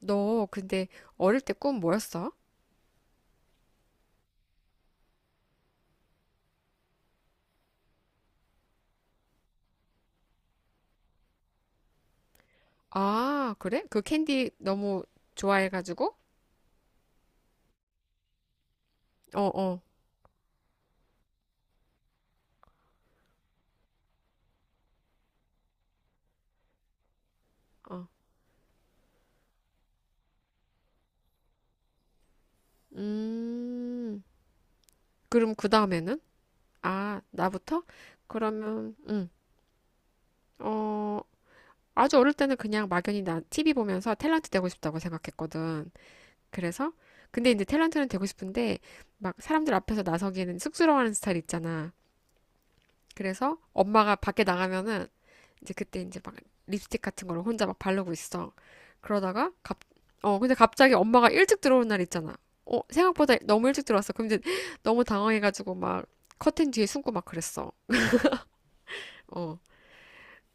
너 근데 어릴 때 꿈 뭐였어? 아, 그래? 그 캔디 너무 좋아해가지고? 어, 어, 어. 음, 그럼 그 다음에는? 아, 나부터? 그러면, 어, 아주 어릴 때는 그냥 막연히 나 TV 보면서 탤런트 되고 싶다고 생각했거든. 그래서? 근데 이제 탤런트는 되고 싶은데, 막 사람들 앞에서 나서기에는 쑥스러워하는 스타일 있잖아. 그래서 엄마가 밖에 나가면은 이제 그때 이제 막 립스틱 같은 걸 혼자 막 바르고 있어. 그러다가 갑, 어, 근데 갑자기 엄마가 일찍 들어오는 날 있잖아. 어, 생각보다 너무 일찍 들어왔어. 근데 너무 당황해가지고 막 커튼 뒤에 숨고 막 그랬어. 어.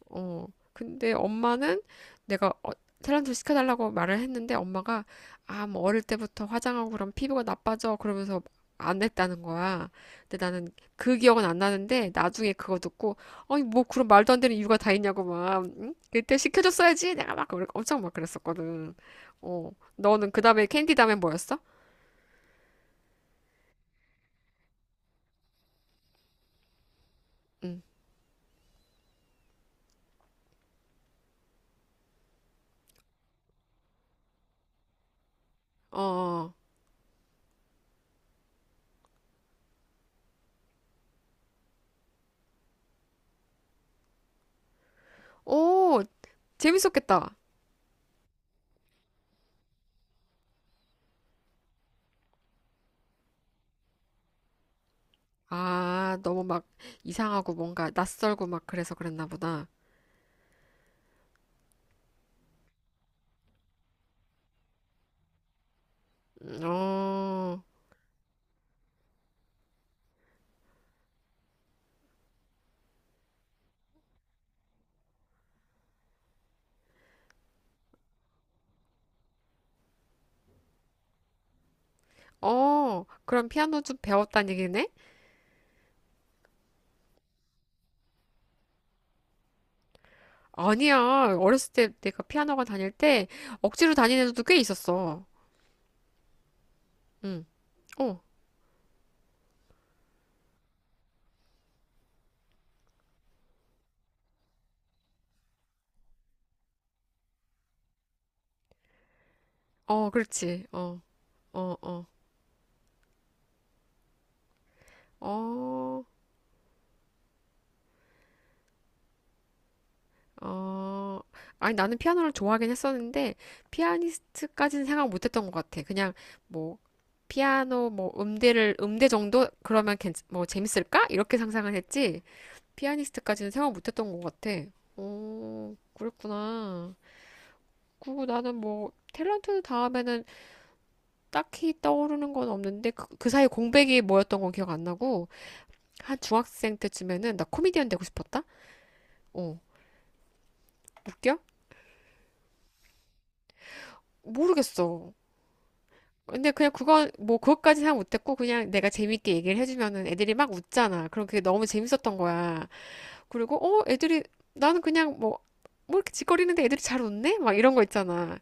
어, 근데 엄마는 내가 어, 탤런트를 시켜달라고 말을 했는데 엄마가 아, 뭐 어릴 때부터 화장하고 그럼 피부가 나빠져 그러면서 안 했다는 거야. 근데 나는 그 기억은 안 나는데 나중에 그거 듣고 아니 뭐 그런 말도 안 되는 이유가 다 있냐고 막 응? 그때 시켜줬어야지 내가 막 엄청 막 그랬었거든. 어, 너는 그 다음에 캔디 다음에 뭐였어? 응, 어, 어. 오, 재밌었겠다. 아, 너무 막 이상하고 뭔가 낯설고 막 그래서 그랬나 보다. 어, 어, 그럼 피아노 좀 배웠다는 얘기네? 아니야. 어렸을 때 내가 피아노가 다닐 때 억지로 다니는 애들도 꽤 있었어. 응. 어, 어, 그렇지. 어, 어, 어, 어, 어. 아니, 나는 피아노를 좋아하긴 했었는데, 피아니스트까지는 생각 못 했던 것 같아. 그냥, 뭐, 피아노, 뭐, 음대를, 음대 정도? 그러면 괜, 뭐, 재밌을까? 이렇게 상상을 했지. 피아니스트까지는 생각 못 했던 것 같아. 오, 그랬구나. 그리고 나는 뭐 탤런트 다음에는 딱히 떠오르는 건 없는데 그 사이 공백이 뭐였던 건 기억 안 나고 한 중학생 때쯤에는 나 코미디언 되고 싶었다? 어, 웃겨? 모르겠어. 근데 그냥 그건 뭐 그것까지 생각 못했고 그냥 내가 재밌게 얘기를 해주면은 애들이 막 웃잖아. 그럼 그게 너무 재밌었던 거야. 그리고 어 애들이 나는 그냥 뭐 뭐 이렇게 짓거리는데 애들이 잘 웃네? 막 이런 거 있잖아.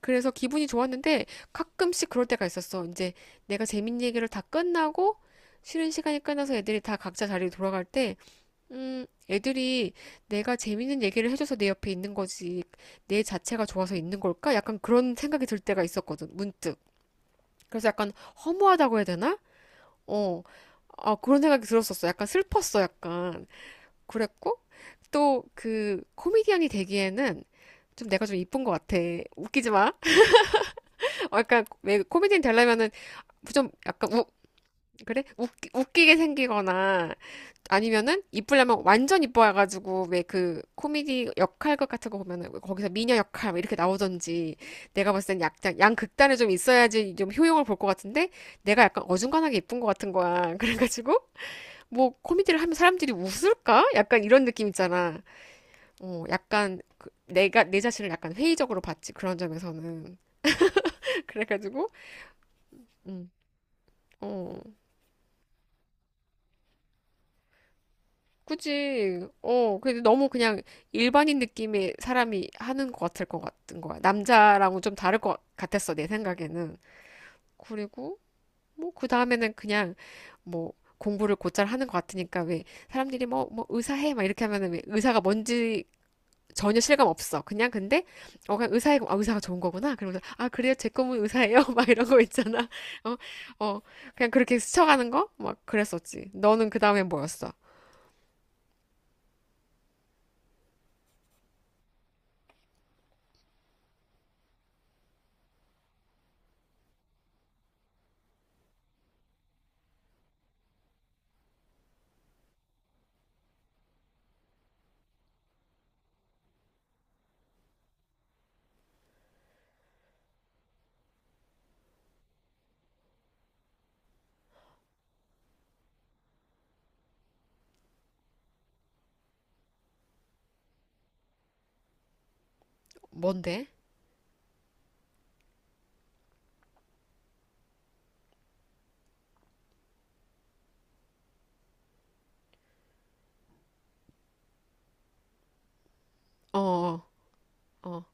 그래서 기분이 좋았는데 가끔씩 그럴 때가 있었어. 이제 내가 재밌는 얘기를 다 끝나고 쉬는 시간이 끝나서 애들이 다 각자 자리로 돌아갈 때, 애들이 내가 재밌는 얘기를 해줘서 내 옆에 있는 거지, 내 자체가 좋아서 있는 걸까? 약간 그런 생각이 들 때가 있었거든, 문득. 그래서 약간 허무하다고 해야 되나? 어, 아, 그런 생각이 들었었어. 약간 슬펐어, 약간. 그랬고, 또 그 코미디언이 되기에는 좀 내가 좀 이쁜 것 같아. 웃기지 마. 아까 왜 코미디인 되려면은 좀 약간 우 그래 웃기게 생기거나 아니면은 이쁘려면 완전 이뻐가지고 왜 그 코미디 역할 것 같은 거 보면은 거기서 미녀 역할 뭐 이렇게 나오던지 내가 봤을 땐 약간 양극단에 좀 있어야지 좀 효용을 볼 것 같은데 내가 약간 어중간하게 이쁜 것 같은 거야 그래가지고 뭐 코미디를 하면 사람들이 웃을까 약간 이런 느낌 있잖아 어 약간 그 내가 내 자신을 약간 회의적으로 봤지 그런 점에서는 그래가지고 음. 어, 그지? 어, 근데 너무 그냥 일반인 느낌의 사람이 하는 것 같을 것 같은 거야. 남자랑은 좀 다를 것 같았어, 내 생각에는. 그리고, 뭐, 그 다음에는 그냥, 뭐, 공부를 곧잘 하는 것 같으니까, 왜, 사람들이 뭐, 의사해, 막 이렇게 하면은 왜, 의사가 뭔지 전혀 실감 없어. 그냥 근데, 어, 그냥 의사해, 아, 의사가 좋은 거구나. 그러면서, 아, 그래요? 제 꿈은 의사예요? 막 이런 거 있잖아. 어, 어, 그냥 그렇게 스쳐가는 거? 막 그랬었지. 너는 그 다음에 뭐였어? 뭔데? 어, 어.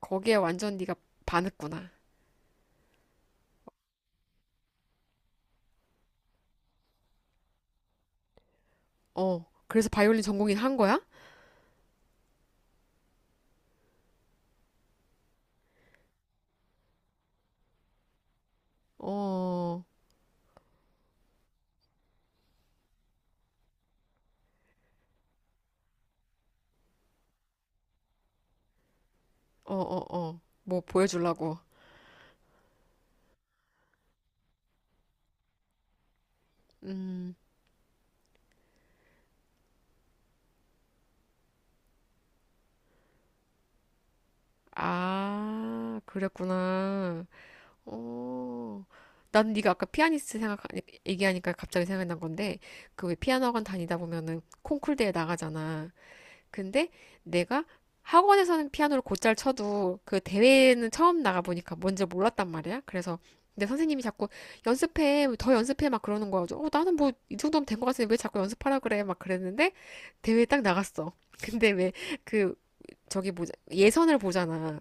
거기에 완전 네가 반했구나. 어, 그래서 바이올린 전공인 한 거야? 어, 어, 어, 어. 뭐 보여주려고. 음, 아, 그랬구나. 어, 난 네가 아까 피아니스트 생각 얘기하니까 갑자기 생각난 건데 그 왜 피아노 학원 다니다 보면은 콩쿨 대회 나가잖아. 근데 내가 학원에서는 피아노를 곧잘 쳐도 그 대회는 처음 나가보니까 뭔지 몰랐단 말이야. 그래서 근데 선생님이 자꾸 연습해, 더 연습해 막 그러는 거야. 어, 나는 뭐 이 정도면 된 것 같은데 왜 자꾸 연습하라 그래? 막 그랬는데 대회에 딱 나갔어. 근데 왜 그 저기 뭐 예선을 보잖아.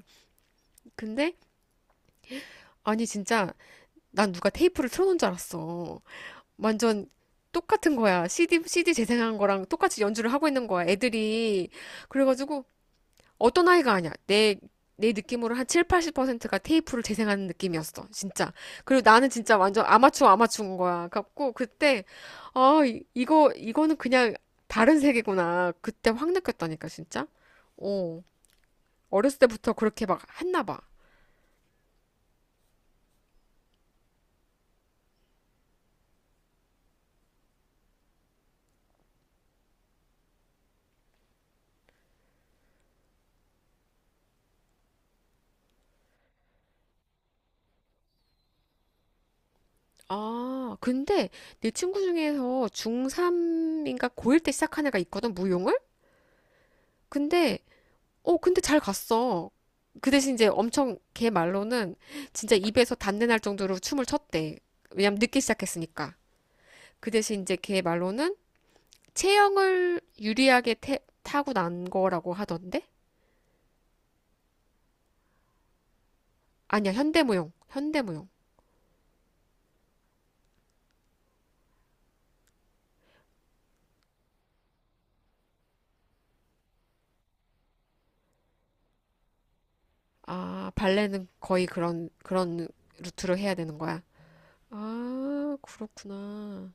근데 아니 진짜 난 누가 테이프를 틀어놓은 줄 알았어. 완전 똑같은 거야. CD 재생한 거랑 똑같이 연주를 하고 있는 거야. 애들이. 그래가지고 어떤 아이가 아니야. 내 느낌으로 한 7, 80%가 테이프를 재생하는 느낌이었어. 진짜. 그리고 나는 진짜 완전 아마추어 아마추어인 거야. 갖고 그때, 아, 이거는 그냥 다른 세계구나. 그때 확 느꼈다니까, 진짜. 어. 어렸을 때부터 그렇게 막 했나 봐. 아, 근데 내 친구 중에서 중3인가 고1 때 시작한 애가 있거든, 무용을? 근데 어, 근데 잘 갔어. 그 대신 이제 엄청 걔 말로는 진짜 입에서 단내 날 정도로 춤을 췄대. 왜냐면 늦게 시작했으니까. 그 대신 이제 걔 말로는 체형을 유리하게 타고 난 거라고 하던데? 아니야, 현대무용. 현대무용. 아, 발레는 거의 그런 루트로 해야 되는 거야. 아, 그렇구나.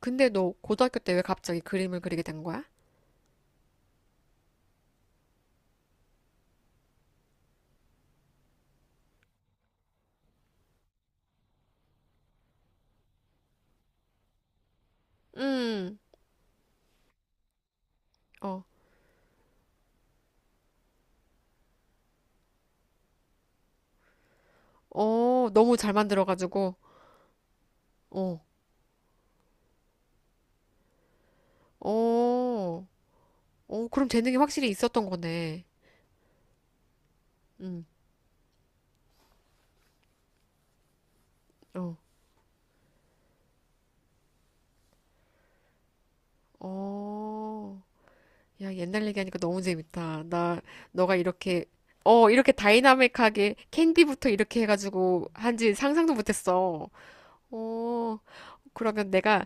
근데 너 고등학교 때 왜 갑자기 그림을 그리게 된 거야? 음, 어, 어, 너무 잘 만들어가지고, 어. 어, 어, 그럼 재능이 확실히 있었던 거네. 응, 어, 어. 야, 옛날 얘기하니까 너무 재밌다. 나, 너가 이렇게, 어, 이렇게 다이나믹하게 캔디부터 이렇게 해가지고 한지 상상도 못했어. 어, 그러면 내가,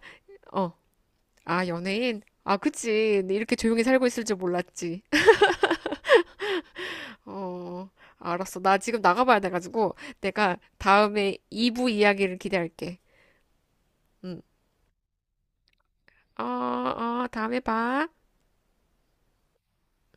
어, 아, 연예인? 아, 그치. 네, 이렇게 조용히 살고 있을 줄 몰랐지. 어, 알았어. 나 지금 나가봐야 돼가지고 내가 다음에 2부 이야기를 기대할게. 응. 어, 어, 다음에 봐.